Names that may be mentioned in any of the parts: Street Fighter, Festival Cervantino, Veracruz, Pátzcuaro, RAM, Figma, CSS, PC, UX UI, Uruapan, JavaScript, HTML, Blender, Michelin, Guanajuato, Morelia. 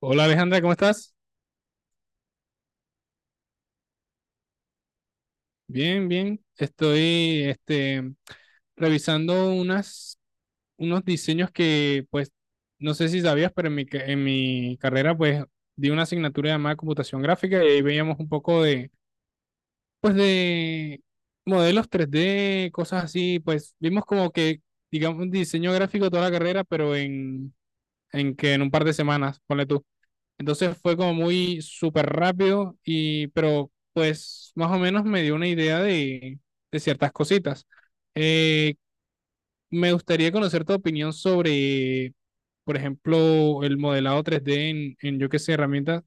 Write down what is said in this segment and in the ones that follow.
Hola Alejandra, ¿cómo estás? Bien, bien. Estoy revisando unos diseños que, pues, no sé si sabías, pero en en mi carrera, pues, di una asignatura llamada computación gráfica y ahí veíamos un poco de, pues, de modelos tres d cosas así. Pues, vimos como que, digamos, un diseño gráfico toda la carrera, pero en que en un par de semanas, ponle tú. Entonces fue como muy súper rápido pero pues más o menos me dio una idea de ciertas cositas. Eh, Me gustaría conocer tu opinión sobre, por ejemplo, el modelado tres d en yo qué sé, herramientas.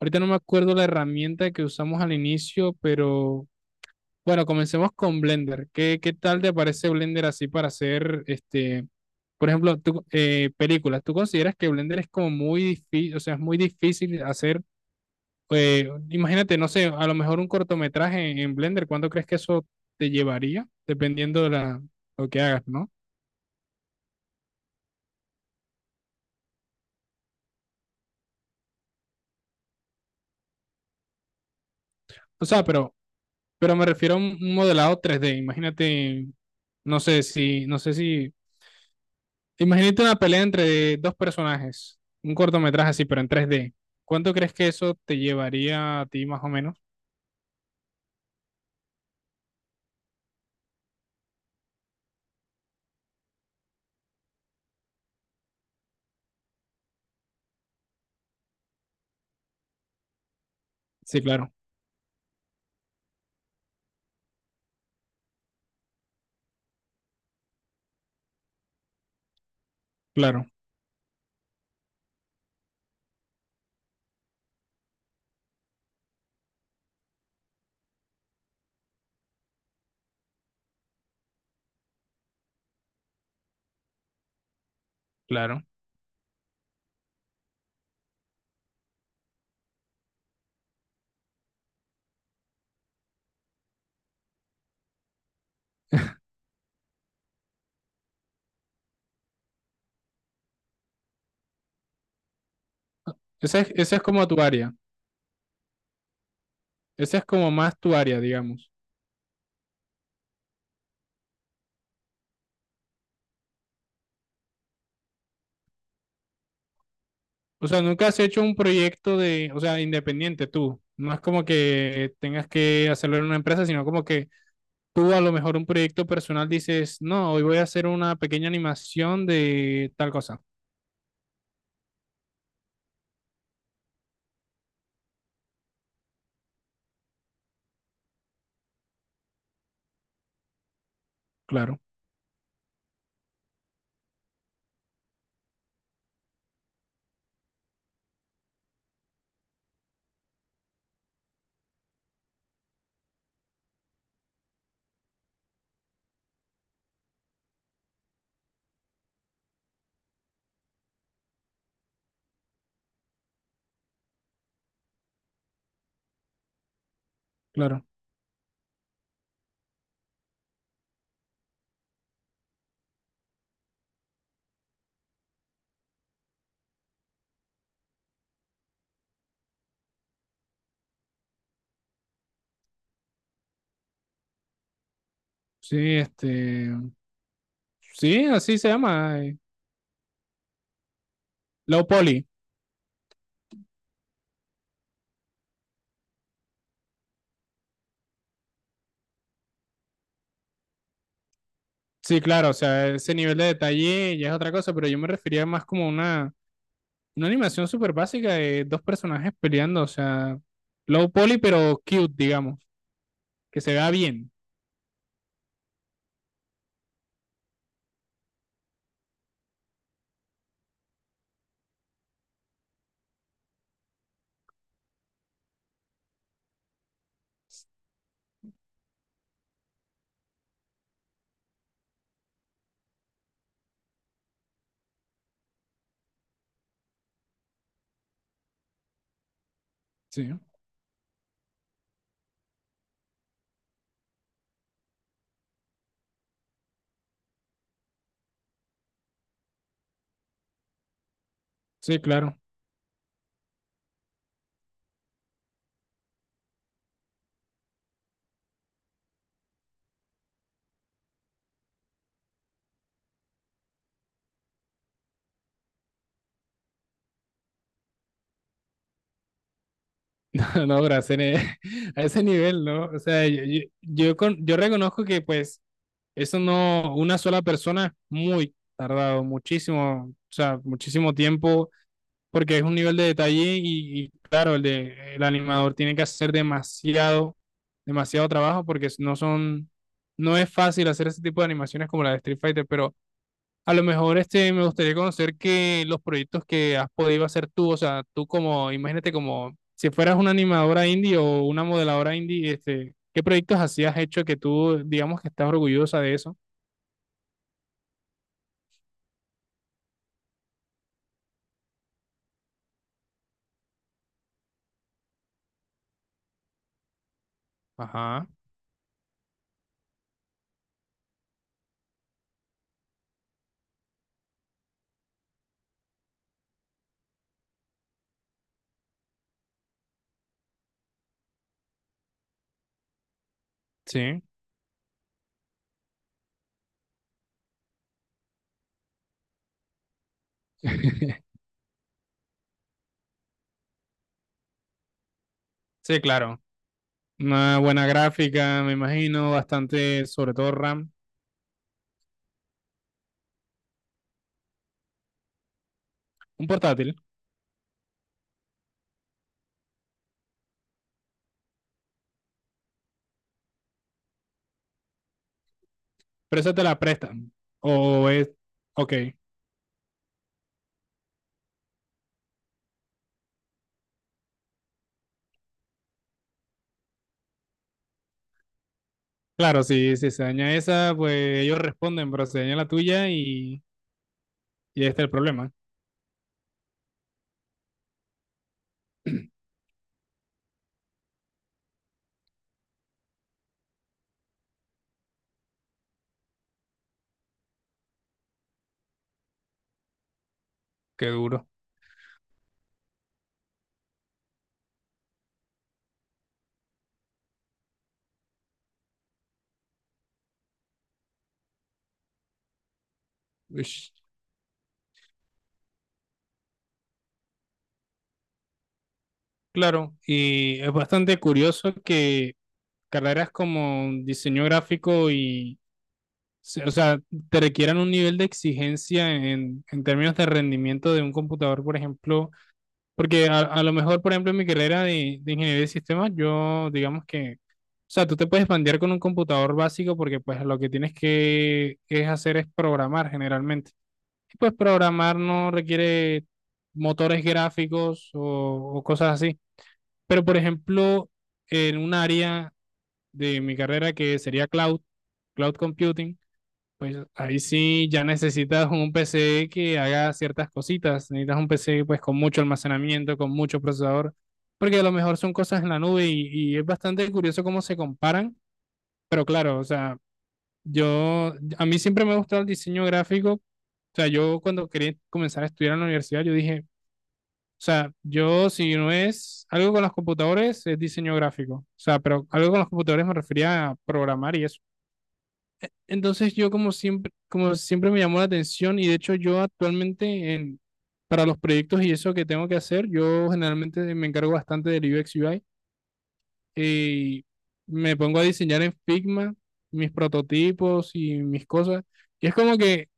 Ahorita no me acuerdo la herramienta que usamos al inicio, pero bueno, comencemos con Blender. ¿Qué tal te parece Blender así para hacer, este, por ejemplo, tú, películas? ¿Tú consideras que Blender es como muy difícil, o sea, es muy difícil hacer imagínate, no sé, a lo mejor un cortometraje Blender, ¿cuánto crees que eso te llevaría? Dependiendo de la, lo que hagas, ¿no? O sea, pero me refiero a un modelado 3D. Imagínate, no sé si, no sé si, imagínate una pelea entre dos personajes, un cortometraje así, pero en 3D. ¿Cuánto crees que eso te llevaría a ti más o menos? Sí, claro, claro, claro. Esa es como tu área. Esa es como más tu área, digamos. O sea, nunca has hecho un proyecto de, o sea, independiente tú. No es como que tengas que hacerlo en una empresa, sino como que tú a lo mejor un proyecto personal dices, no, hoy voy a hacer una pequeña animación de tal cosa. Claro, claro. Sí, este, sí, así se llama. Low poly. Sí, claro, o sea, ese nivel de detalle ya es otra cosa, pero yo me refería más como una animación súper básica de dos personajes peleando, o sea, low poly, pero cute, digamos, que se vea bien. Sí. Sí, claro. No, gracias. A ese nivel, ¿no? O sea, yo reconozco que pues eso no, una sola persona es muy tardado, muchísimo, o sea, muchísimo tiempo, porque es un nivel de detalle y claro, el animador tiene que hacer demasiado, demasiado trabajo porque no son, no es fácil hacer ese tipo de animaciones como la de Street Fighter, pero a lo mejor este, me gustaría conocer que los proyectos que has podido hacer tú, o sea, tú como, imagínate como si fueras una animadora indie o una modeladora indie, este, ¿qué proyectos así has hecho que tú, digamos que estás orgullosa de eso? Ajá, sí. Sí, claro. Una buena gráfica, me imagino, bastante, sobre todo RAM. Un portátil, pero esa te la prestan. O es, ok. Claro, si, si se daña esa, pues ellos responden, pero se daña la tuya y ahí está el problema. Qué duro. Ush. Claro, y es bastante curioso que carreras como diseño gráfico o sea, te requieran un nivel de exigencia en términos de rendimiento de un computador, por ejemplo, porque a lo mejor, por ejemplo, en mi carrera de ingeniería de sistemas, yo, digamos que, o sea, tú te puedes bandear con un computador básico porque pues lo que tienes que es hacer es programar generalmente. Y pues programar no requiere motores gráficos o cosas así. Pero, por ejemplo, en un área de mi carrera que sería cloud, cloud computing, pues ahí sí ya necesitas un PC que haga ciertas cositas. Necesitas un PC pues con mucho almacenamiento, con mucho procesador, porque a lo mejor son cosas en la nube y es bastante curioso cómo se comparan. Pero claro, o sea, yo, a mí siempre me ha gustado el diseño gráfico. O sea, yo cuando quería comenzar a estudiar en la universidad, yo dije, o sea, yo si no es algo con los computadores, es diseño gráfico. O sea, pero algo con los computadores me refería a programar y eso. Entonces yo como siempre me llamó la atención y de hecho yo actualmente para los proyectos y eso que tengo que hacer, yo generalmente me encargo bastante del UX UI y me pongo a diseñar en Figma mis prototipos y mis cosas. Y es como que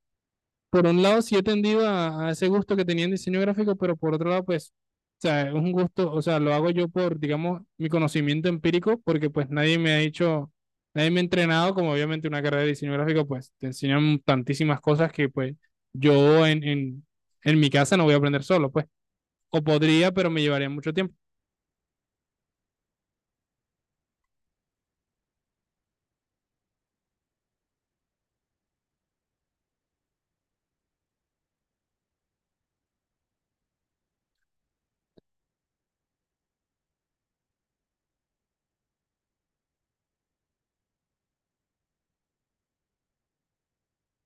por un lado sí he tendido a ese gusto que tenía en diseño gráfico, pero por otro lado, pues, o sea, es un gusto, o sea, lo hago yo por, digamos, mi conocimiento empírico, porque pues nadie me ha dicho, nadie me ha entrenado, como obviamente una carrera de diseño gráfico, pues te enseñan tantísimas cosas que pues yo en mi casa no voy a aprender solo, pues, o podría, pero me llevaría mucho tiempo,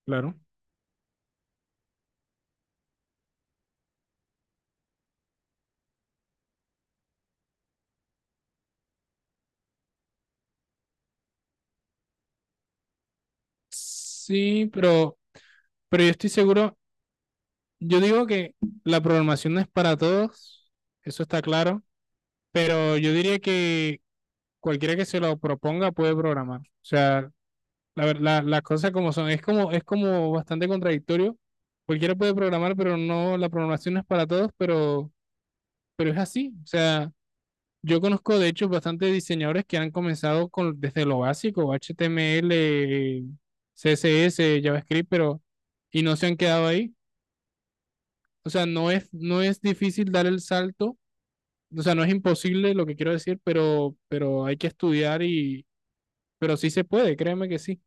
claro. Sí, pero yo estoy seguro, yo digo que la programación no es para todos, eso está claro. Pero yo diría que cualquiera que se lo proponga puede programar. O sea, las cosas como son. Es como bastante contradictorio. Cualquiera puede programar, pero no, la programación no es para todos, pero es así. O sea, yo conozco de hecho bastantes diseñadores que han comenzado con, desde lo básico, HTML, CSS, JavaScript, y no se han quedado ahí. O sea, no es, no es difícil dar el salto. O sea, no es imposible lo que quiero decir, pero hay que estudiar y, pero sí se puede, créeme que sí.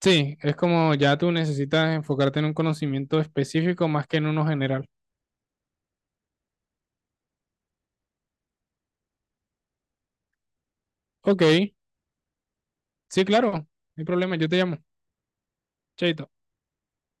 Sí, es como ya tú necesitas enfocarte en un conocimiento específico más que en uno general. Ok, sí, claro, no hay problema, yo te llamo. Chaito.